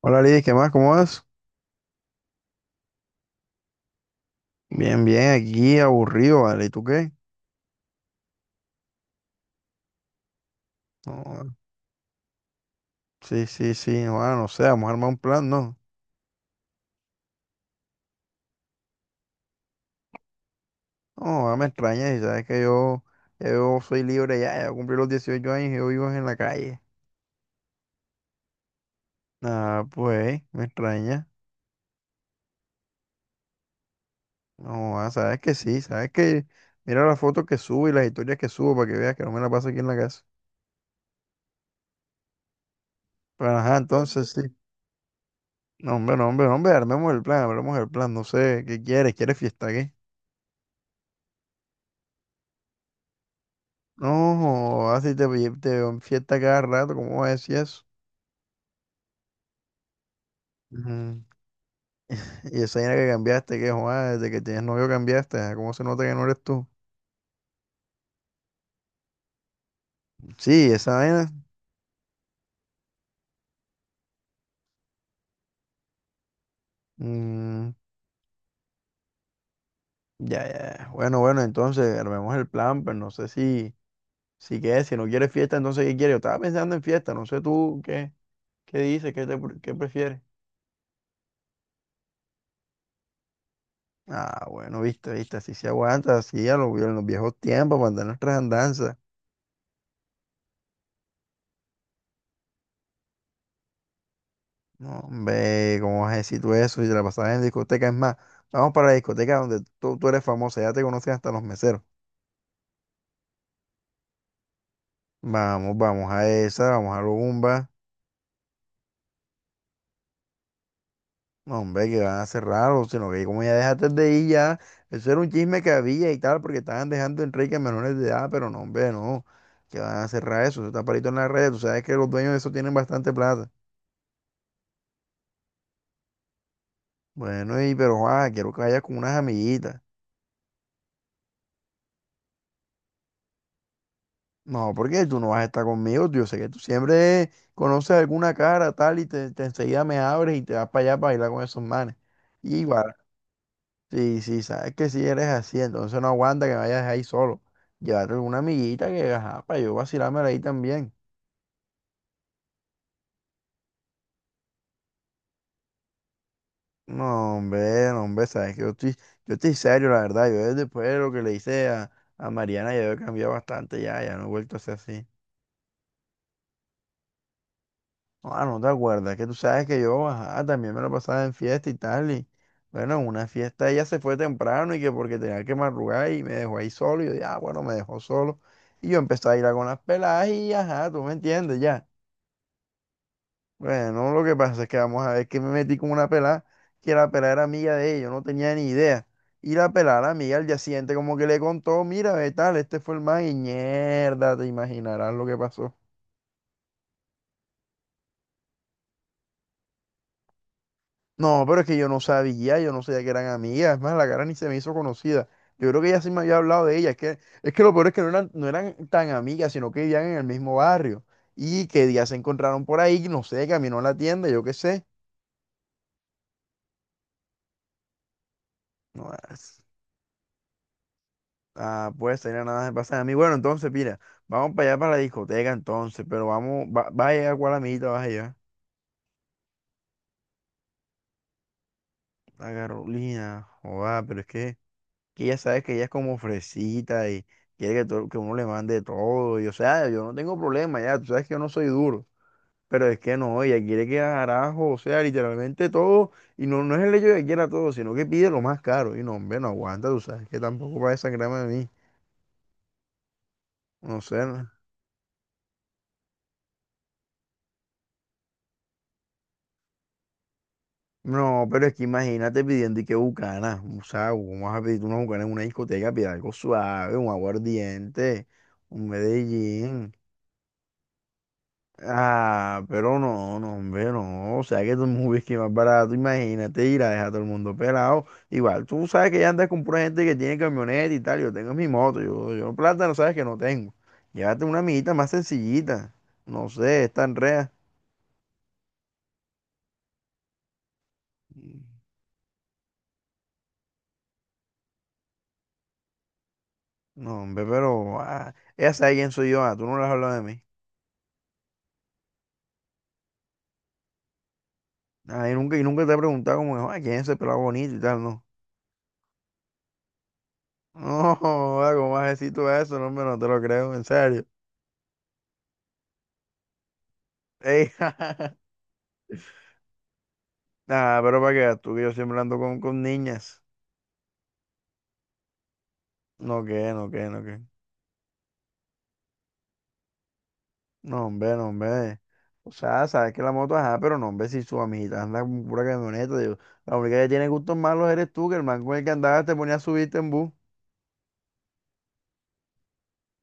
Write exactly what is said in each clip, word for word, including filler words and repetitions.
Hola Liz, ¿qué más? ¿Cómo vas? Bien, bien, aquí aburrido, ¿vale? ¿Y tú qué? No, sí, sí, sí, no, ah, no sé, vamos a armar un plan, ¿no? No, ah, me extraña, y sabes que yo, yo soy libre ya, ya cumplí los dieciocho años y yo vivo en la calle. Ah, pues, me extraña. No, ah, sabes que sí, sabes que mira las fotos que subo y las historias que subo para que veas que no me la paso aquí en la casa. Pero, ajá, entonces sí. No, hombre, no, hombre, no, hombre, armemos el plan, armemos el plan, no sé, ¿qué quieres? ¿Quieres fiesta, qué? No, así te, pi- te veo en fiesta cada rato, ¿cómo vas a decir eso? Ujú. Y esa vaina que cambiaste, que joder, desde que tienes novio cambiaste, ah, ¿cómo se nota que no eres tú? Sí, esa vaina. Mm, ya, ya. Ya. Bueno, bueno, entonces armemos el plan, pero no sé si, si qué, si no quieres fiesta, entonces ¿qué quieres? Yo estaba pensando en fiesta, no sé tú qué, qué dices, qué, te, pre- qué prefieres. Ah, bueno, viste, viste, así se aguanta, así a los, a los viejos tiempos, para andar nuestras andanzas. No, hombre, ¿cómo vas a decir tú eso? Si te la pasabas en discoteca, es más, vamos para la discoteca donde tú, tú eres famosa, ya te conocen hasta los meseros. Vamos, vamos a esa, vamos a Lumba. No, hombre, que van a cerrar, o sino que como ya dejaste de ir ya, eso era un chisme que había y tal, porque estaban dejando en Enrique menores de edad, pero no, hombre, no, que van a cerrar eso, eso está parito en la red, tú sabes que los dueños de eso tienen bastante plata. Bueno, y pero, ah, quiero que vayas con unas amiguitas. No, porque tú no vas a estar conmigo, tío. Yo sé que tú siempre conoces alguna cara tal y te, te enseguida me abres y te vas para allá para bailar con esos manes. Y igual, sí, sí, sabes que si eres así, entonces no aguanta que me vayas ahí solo. Llévate alguna amiguita que, ajá, para yo vacilarme ahí también. No, hombre, no, hombre, sabes que yo estoy, yo estoy serio, la verdad. Yo después de lo que le hice a, a Mariana, ya yo he cambiado bastante, ya, ya no he vuelto a ser así. Ah, no te acuerdas, que tú sabes que yo, ajá, también me lo pasaba en fiesta y tal, y bueno, en una fiesta ella se fue temprano y que porque tenía que madrugar y me dejó ahí solo, y yo, ya, bueno, me dejó solo, y yo empecé a ir a con las peladas y ajá, tú me entiendes, ya. Bueno, lo que pasa es que vamos a ver que me metí con una pelada, que la pelada era amiga de ella, yo no tenía ni idea, y la pelada, la amiga, al día siguiente como que le contó, mira, ve tal, este fue el man, y mierda, te imaginarás lo que pasó. No, pero es que yo no sabía, yo no sabía que eran amigas, es más, la cara ni se me hizo conocida. Yo creo que ella sí me había hablado de ella, es que, es que lo peor es que no eran, no eran tan amigas, sino que vivían en el mismo barrio. Y que día se encontraron por ahí, no sé, caminó a la tienda, yo qué sé. No, es- ah, pues tenía nada de pasar a mí. Bueno, entonces, mira, vamos para allá para la discoteca entonces, pero vamos, va, va a llegar cuál amiguita vas a llevar. La Carolina, joda, pero es que que ella sabe que ella es como fresita y quiere que, todo- que uno le mande todo. Y o sea, yo no tengo problema, ya, tú sabes que yo no soy duro, pero es que no, ella quiere que carajo, o sea, literalmente todo. Y no, no es el hecho de que quiera todo, sino que pide lo más caro. Y no, hombre, no aguanta, tú sabes que tampoco va a desangrarme a mí. No sé, no. No, pero es que imagínate pidiendo y que bucana. O sea, ¿cómo vas a pedir una bucana en una discoteca? Pide algo suave, un aguardiente, un Medellín. Ah, pero no, no, hombre, no. O sea, que tú es un whisky más barato, imagínate ir a dejar a todo el mundo pelado. Igual, tú sabes que ya andas con pura gente que tiene camioneta y tal. Yo tengo mi moto, yo, yo plata, no sabes que no tengo. Llévate una amiguita más sencillita. No sé, es tan rea. No, hombre, pero ah, ella sabe quién soy yo. Ah, tú no le has hablado de mí. Ah, y nunca, y nunca te he preguntado como, ah, quién es ese pelado bonito y tal, no. No, joda, ¿cómo vas a decir tú eso? No, hombre, no te lo creo, en serio. Ey, Ah, pero para que veas tú que yo siempre ando con, con niñas. No, que, no, que, no, que. No, hombre, no, hombre. O sea, sabes que la moto, ajá, pero no, hombre, si su amiguita anda con pura camioneta, digo, la única que tiene gustos malos eres tú, que el man con el que andabas te ponía a subirte en bus.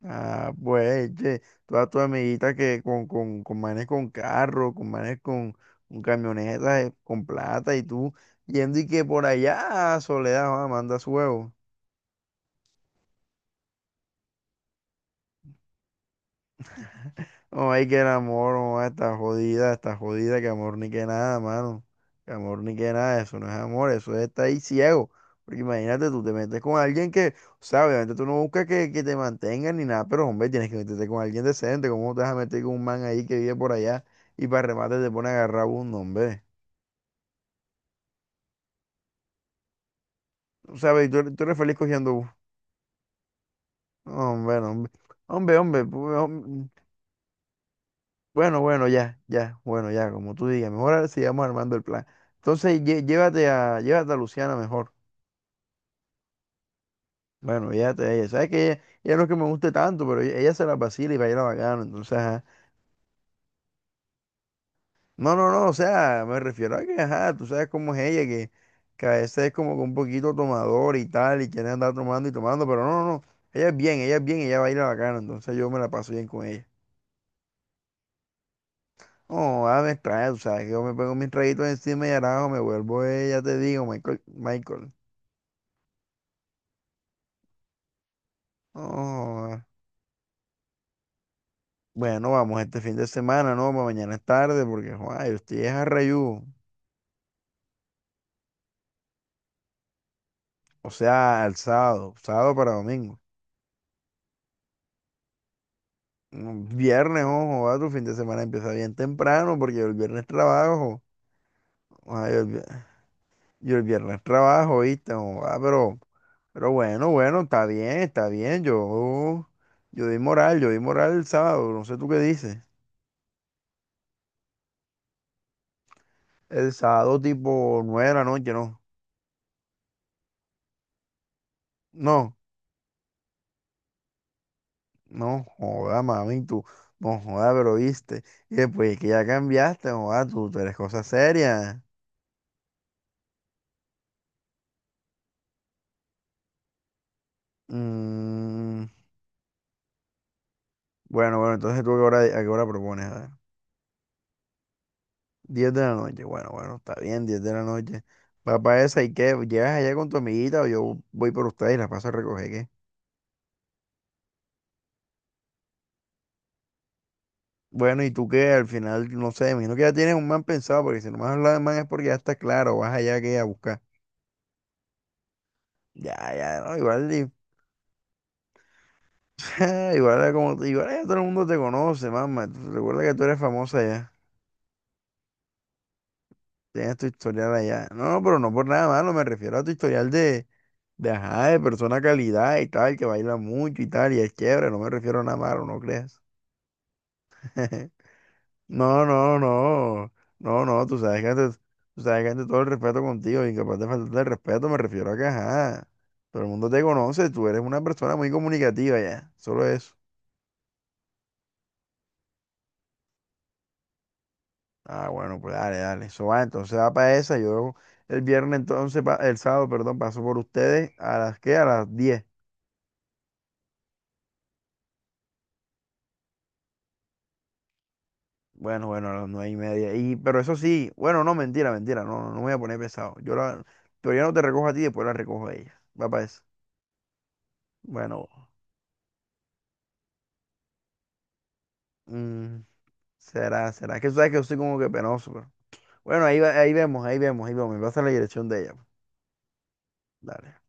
Ah, pues, che, todas tus amiguitas que con, con, con manes con carro, con manes con, con camionetas, eh, con plata, y tú yendo y que por allá, Soledad, ah, manda su huevo. No, hay que el amor, no, está jodida, está jodida, que amor ni que nada, mano. Que amor ni que nada, eso no es amor, eso es estar ahí ciego. Porque imagínate, tú te metes con alguien que, o sea, obviamente tú no buscas que, que te mantengan ni nada, pero hombre, tienes que meterte con alguien decente. ¿Cómo te vas a meter con un man ahí que vive por allá y para remate te pone a agarrar bus, no, hombre? O sea, ve, tú, eres tú eres feliz cogiendo bus. No, hombre, no, hombre. Hombre, hombre, pu- hom- Bueno, bueno, ya, ya, bueno, ya, como tú digas, mejor ahora sigamos armando el plan. Entonces, lle- llévate a, llévate a Luciana mejor. Bueno, llévate a ella. Sabes que ella, ella no es que me guste tanto, pero ella, ella se la vacila y baila bacano. Entonces, ajá. No, no, no, o sea, me refiero a que, ajá, tú sabes cómo es ella, que, que a veces es como que un poquito tomador y tal, y quiere andar tomando y tomando, pero no, no, no. Ella es bien, ella es bien, ella baila bacano, entonces yo me la paso bien con ella. No, a me extraña, tú sabes que yo me pongo mis traguitos encima y arajo, me vuelvo ella, te digo, Michael, Michael. Oh, bueno, vamos este fin de semana, ¿no? Pa' mañana es tarde porque, joa, yo estoy es a Rayú. O sea, al sábado, sábado para domingo. Mm, viernes, ojo, va, tu fin de semana empieza bien temprano porque yo el viernes trabajo. Joder, yo, el, vi- yo el viernes trabajo, ¿viste? Joder, pero, pero bueno, bueno, está bien, está bien. Yo, yo di moral, yo di moral el sábado, no sé tú qué dices. El sábado tipo nueve de la noche, ¿no? No. No joda, mami, tú, no joda, pero viste. Y después es que ya cambiaste, joda, tú, tú eres cosa seria. Mm, bueno, bueno, entonces tú a qué hora, a qué hora propones, a ver. diez de la noche, bueno, bueno, está bien, diez de la noche. Va para esa, ¿y qué? ¿Llegas allá con tu amiguita o yo voy por ustedes y las paso a recoger, qué? Bueno, ¿y tú qué? Al final, no sé, me imagino que ya tienes un man pensado, porque si no me has hablado de man es porque ya está claro, vas allá que a buscar. Ya, ya, no, igual, Igual era como, igual ya todo el mundo te conoce, mamá. Tú- Recuerda que tú eres famosa ya. Tienes tu historial allá. No, pero no por nada malo, me refiero a tu historial de, de ajá, de persona calidad y tal, que baila mucho y tal, y es chévere, no me refiero a nada malo, no creas. No, no, no. No, no, tú sabes que antes, tú sabes que antes todo el respeto contigo, incapaz de faltarte el respeto, me refiero a que ajá. Todo el mundo te conoce, tú eres una persona muy comunicativa ya. Solo eso. Ah, bueno, pues dale, dale. Eso va, entonces va para esa. Yo el viernes entonces, pa- el sábado, perdón, paso por ustedes a las qué, a las diez. Bueno, bueno, a las nueve y media. Y, pero eso sí, bueno, no, mentira, mentira, no, no, no me voy a poner pesado. Yo la, pero ya no te recojo a ti, después la recojo a ella. Va para eso. Bueno, mm, será, será. Es que tú sabes que yo soy como que penoso, pero. Bueno, ahí, va- ahí vemos, ahí vemos, ahí vemos. Me pasa la dirección de ella, pues. Dale.